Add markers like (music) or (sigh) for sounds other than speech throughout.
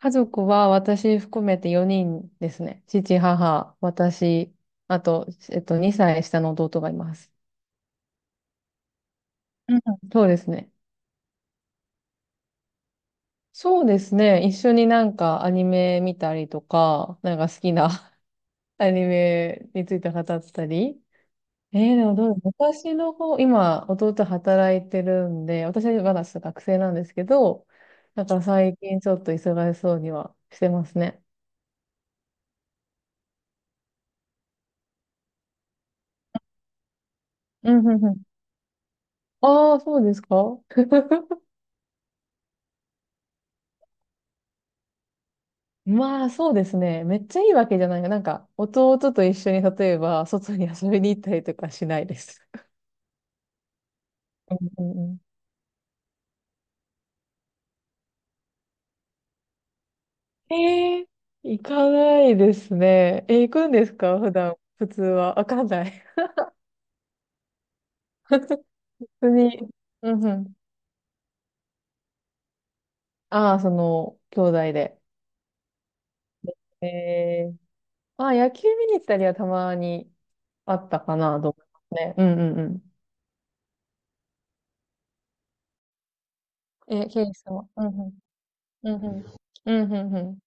家族は私含めて4人ですね。父、母、私、あと、2歳下の弟がいます。うん、そうですね。そうですね。一緒になんかアニメ見たりとか、なんか好きな (laughs) アニメについて語ったり。えー、でもどうだ私の方、今、弟働いてるんで、私はまだ学生なんですけど、だから最近ちょっと忙しそうにはしてますね。うんうんうん。ああ、そうですか。まあ、そうですね。めっちゃいいわけじゃないが、なんか、弟と一緒に、例えば、外に遊びに行ったりとかしないです。(laughs) うんうん、えー、行かないですね。えー、行くんですか普段、普通は。わかんない。(laughs) 普通に。うんうん。ああ、その、兄弟で。えー、ああ、野球見に行ったりはたまにあったかな、と思いますね。うんうんうん。えー、ケイさんは。うんうん。うんうん。うんうんうん。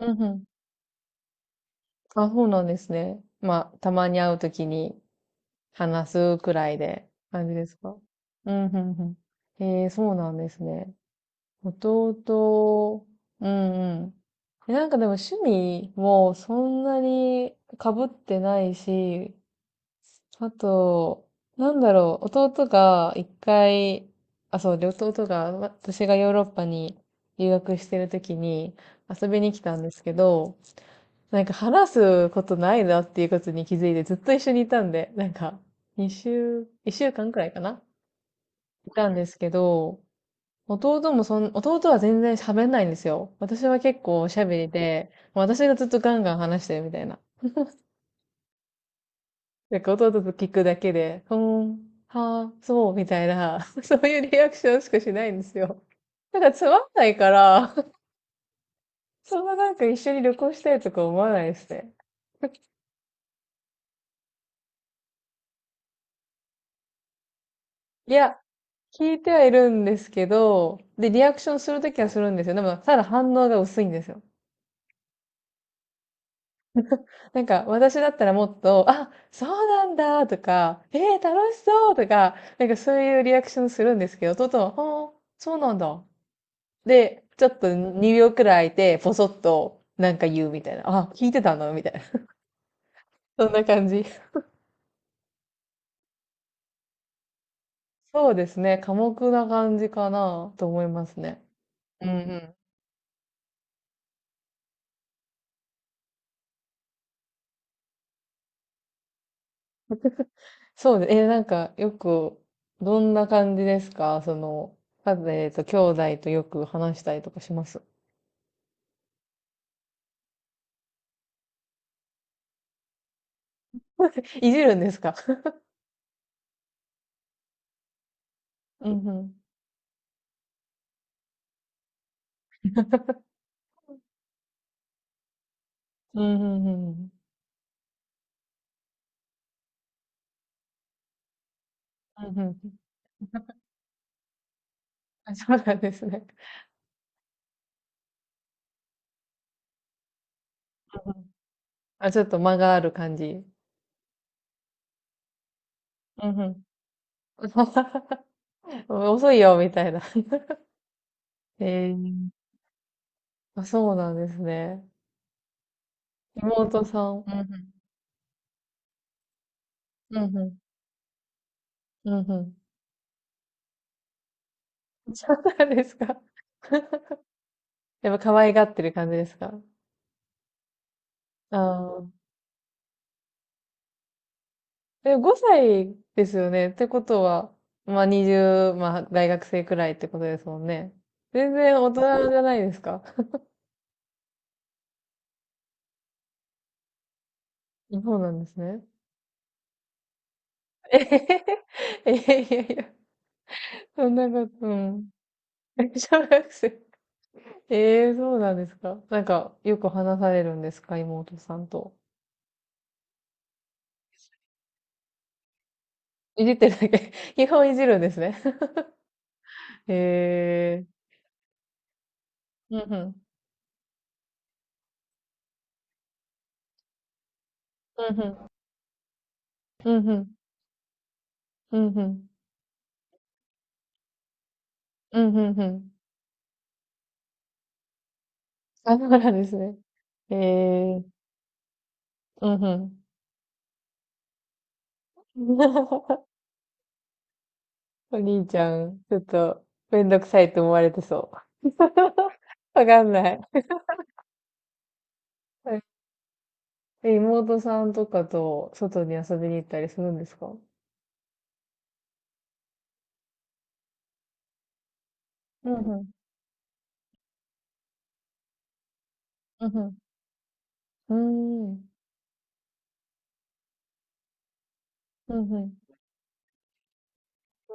うんうん、あ、そうなんですね。まあ、たまに会うときに話すくらいで感じですか。うん、うん、うん。えー、そうなんですね。弟、うんうん。え、なんかでも趣味もそんなに被ってないし、あと、なんだろう、弟が一回、あ、そうで、弟が、私がヨーロッパに留学してるときに遊びに来たんですけど、なんか話すことないなっていうことに気づいてずっと一緒にいたんで、なんか、一週間くらいかないたんですけど、弟は全然喋んないんですよ。私は結構喋りで、もう私がずっとガンガン話してるみたいな。なんか弟と聞くだけで、うーん、はあ、そう、みたいな、(laughs) そういうリアクションしかしないんですよ。なんかつまんないから、(laughs) そんななんか一緒に旅行したいとか思わないですね。いや、聞いてはいるんですけど、で、リアクションするときはするんですよ。でも、ただ反応が薄いんですよ。なんか、私だったらもっと、あ、そうなんだとか、えー、楽しそうとか、なんかそういうリアクションするんですけど、トトは、はあー、そうなんだ。で、ちょっと2秒くらい空いて、ポソッとなんか言うみたいな。あ、聞いてたのみたいな。(laughs) そんな感じ。そうですね。寡黙な感じかなと思いますね。うんうん。そうで、えなんかよく、どんな感じですかその、兄弟とよく話したりとかします。 (laughs) いじるんですか。 (laughs) うんうん。うんうんうんうん。うんうんうん。あ、そうなんですね。うんうん、あ、ちょっと間がある感じ。うんうん。(laughs) 遅いよ、みたいな。(laughs) ええ、あ、そうなんですね。妹さん。うんうん。うんうん。うんうん。(laughs) そうなんですか。(laughs) やっぱ可愛がってる感じですか。ああー。え、5歳ですよね。ってことは、まあ20、まあ大学生くらいってことですもんね。全然大人じゃないですか。そうなんですね。えへへへ。いやいやいや、そんなこと、うん。(laughs) 小学生。ええ、そうなんですか。なんか、よく話されるんですか、妹さんと。いじってるだけ。(laughs) 基本いじるんですね。(laughs) ええ、うんうん。うんうん。うんうん。うんうん。うんうんうん。あ、そうなんですね。ええ、うんうん。(laughs) お兄ちゃん、ちょっと、めんどくさいと思われてそう。(laughs) わかんない。(laughs) え、妹さんとかと外に遊びに行ったりするんですか。うんうん。うんうん。うーん。うんうん。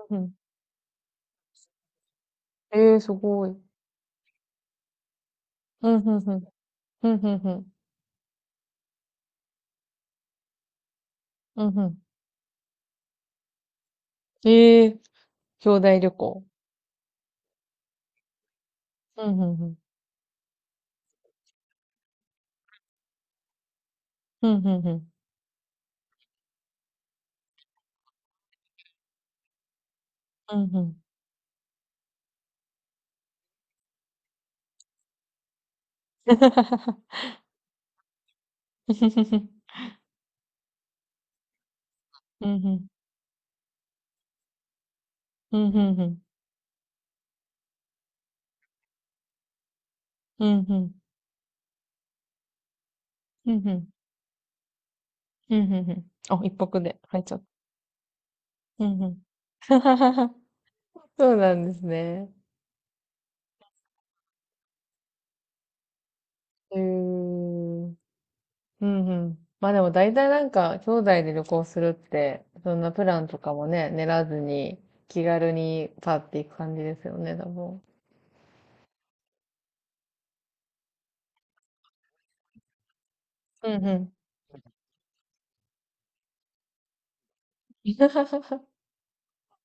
うんうん。えー、すごい。うんうんうん。うんうんうん。うんうん。えー、兄弟旅行。うんうんうん。うんうんうん。うんうん。(laughs) うんうん。うんうんうん。うんうん。うんうん。うんうんうん。あ、一泊で入っちゃった。うんうん。(laughs) そうなんですね。うーん。うんうん。まあでも大体なんか、兄弟で旅行するって、そんなプランとかもね、練らずに、気軽にパッて行く感じですよね、多分。うんうん。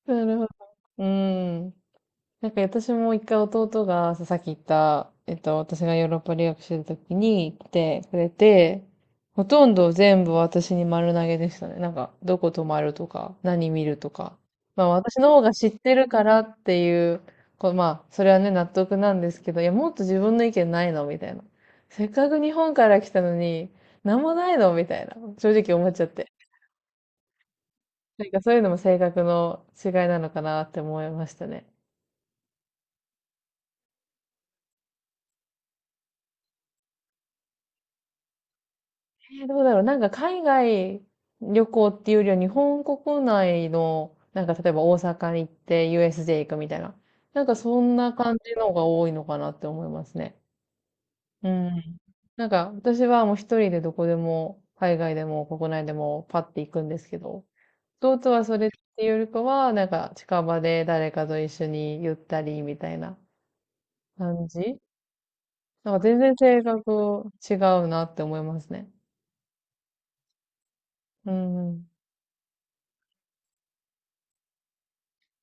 なるほど。うーん。なんか私も一回弟がさっき言った、私がヨーロッパ留学してる時に来てくれて、ほとんど全部私に丸投げでしたね。なんか、どこ泊まるとか、何見るとか。まあ私の方が知ってるからっていう、こう、まあ、それはね、納得なんですけど、いや、もっと自分の意見ないのみたいな。せっかく日本から来たのに、なんもないのみたいな。正直思っちゃって。なんかそういうのも性格の違いなのかなって思いましたね。えどうだろう。なんか海外旅行っていうよりは日本国内の、なんか例えば大阪に行って USJ 行くみたいな。なんかそんな感じのが多いのかなって思いますね。うん。なんか私はもう一人でどこでも、海外でも国内でもパッて行くんですけど、弟はそれっていうよりかは、なんか近場で誰かと一緒にゆったりみたいな感じ。なんか全然性格違うなって思いますね。うん。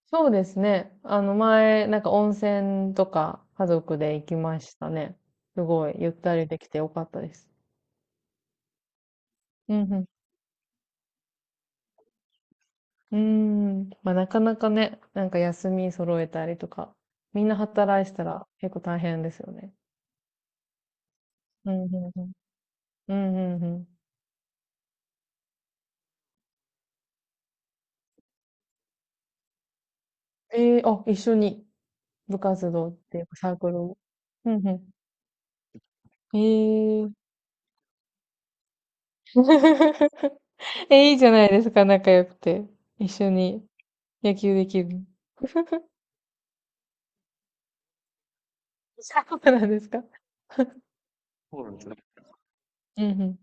そうですね。あの前、なんか温泉とか家族で行きましたね。すごい、ゆったりできてよかったです。うんうん。うーん。まあなかなかね、なんか休み揃えたりとか、みんな働いてたら結構大変ですよね。うんうんうん。うんうんうん。ええ、あ、一緒に部活動っていうかサークルを。うんうん。ええ。 (laughs) え、いいじゃないですか、仲良くて。一緒に野球できる。(laughs) そうなんですか。うんうん。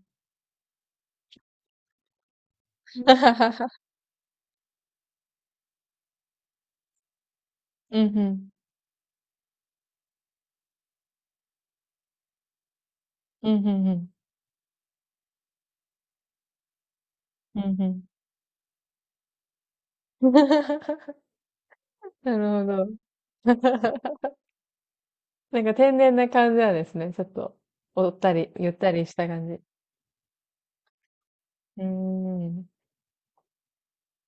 (laughs) うんうん。うんうんうん。うんうん。(laughs) なるほど。(laughs) なんか天然な感じなんですね。ちょっと、おったり、ゆったりした感じ。うーん。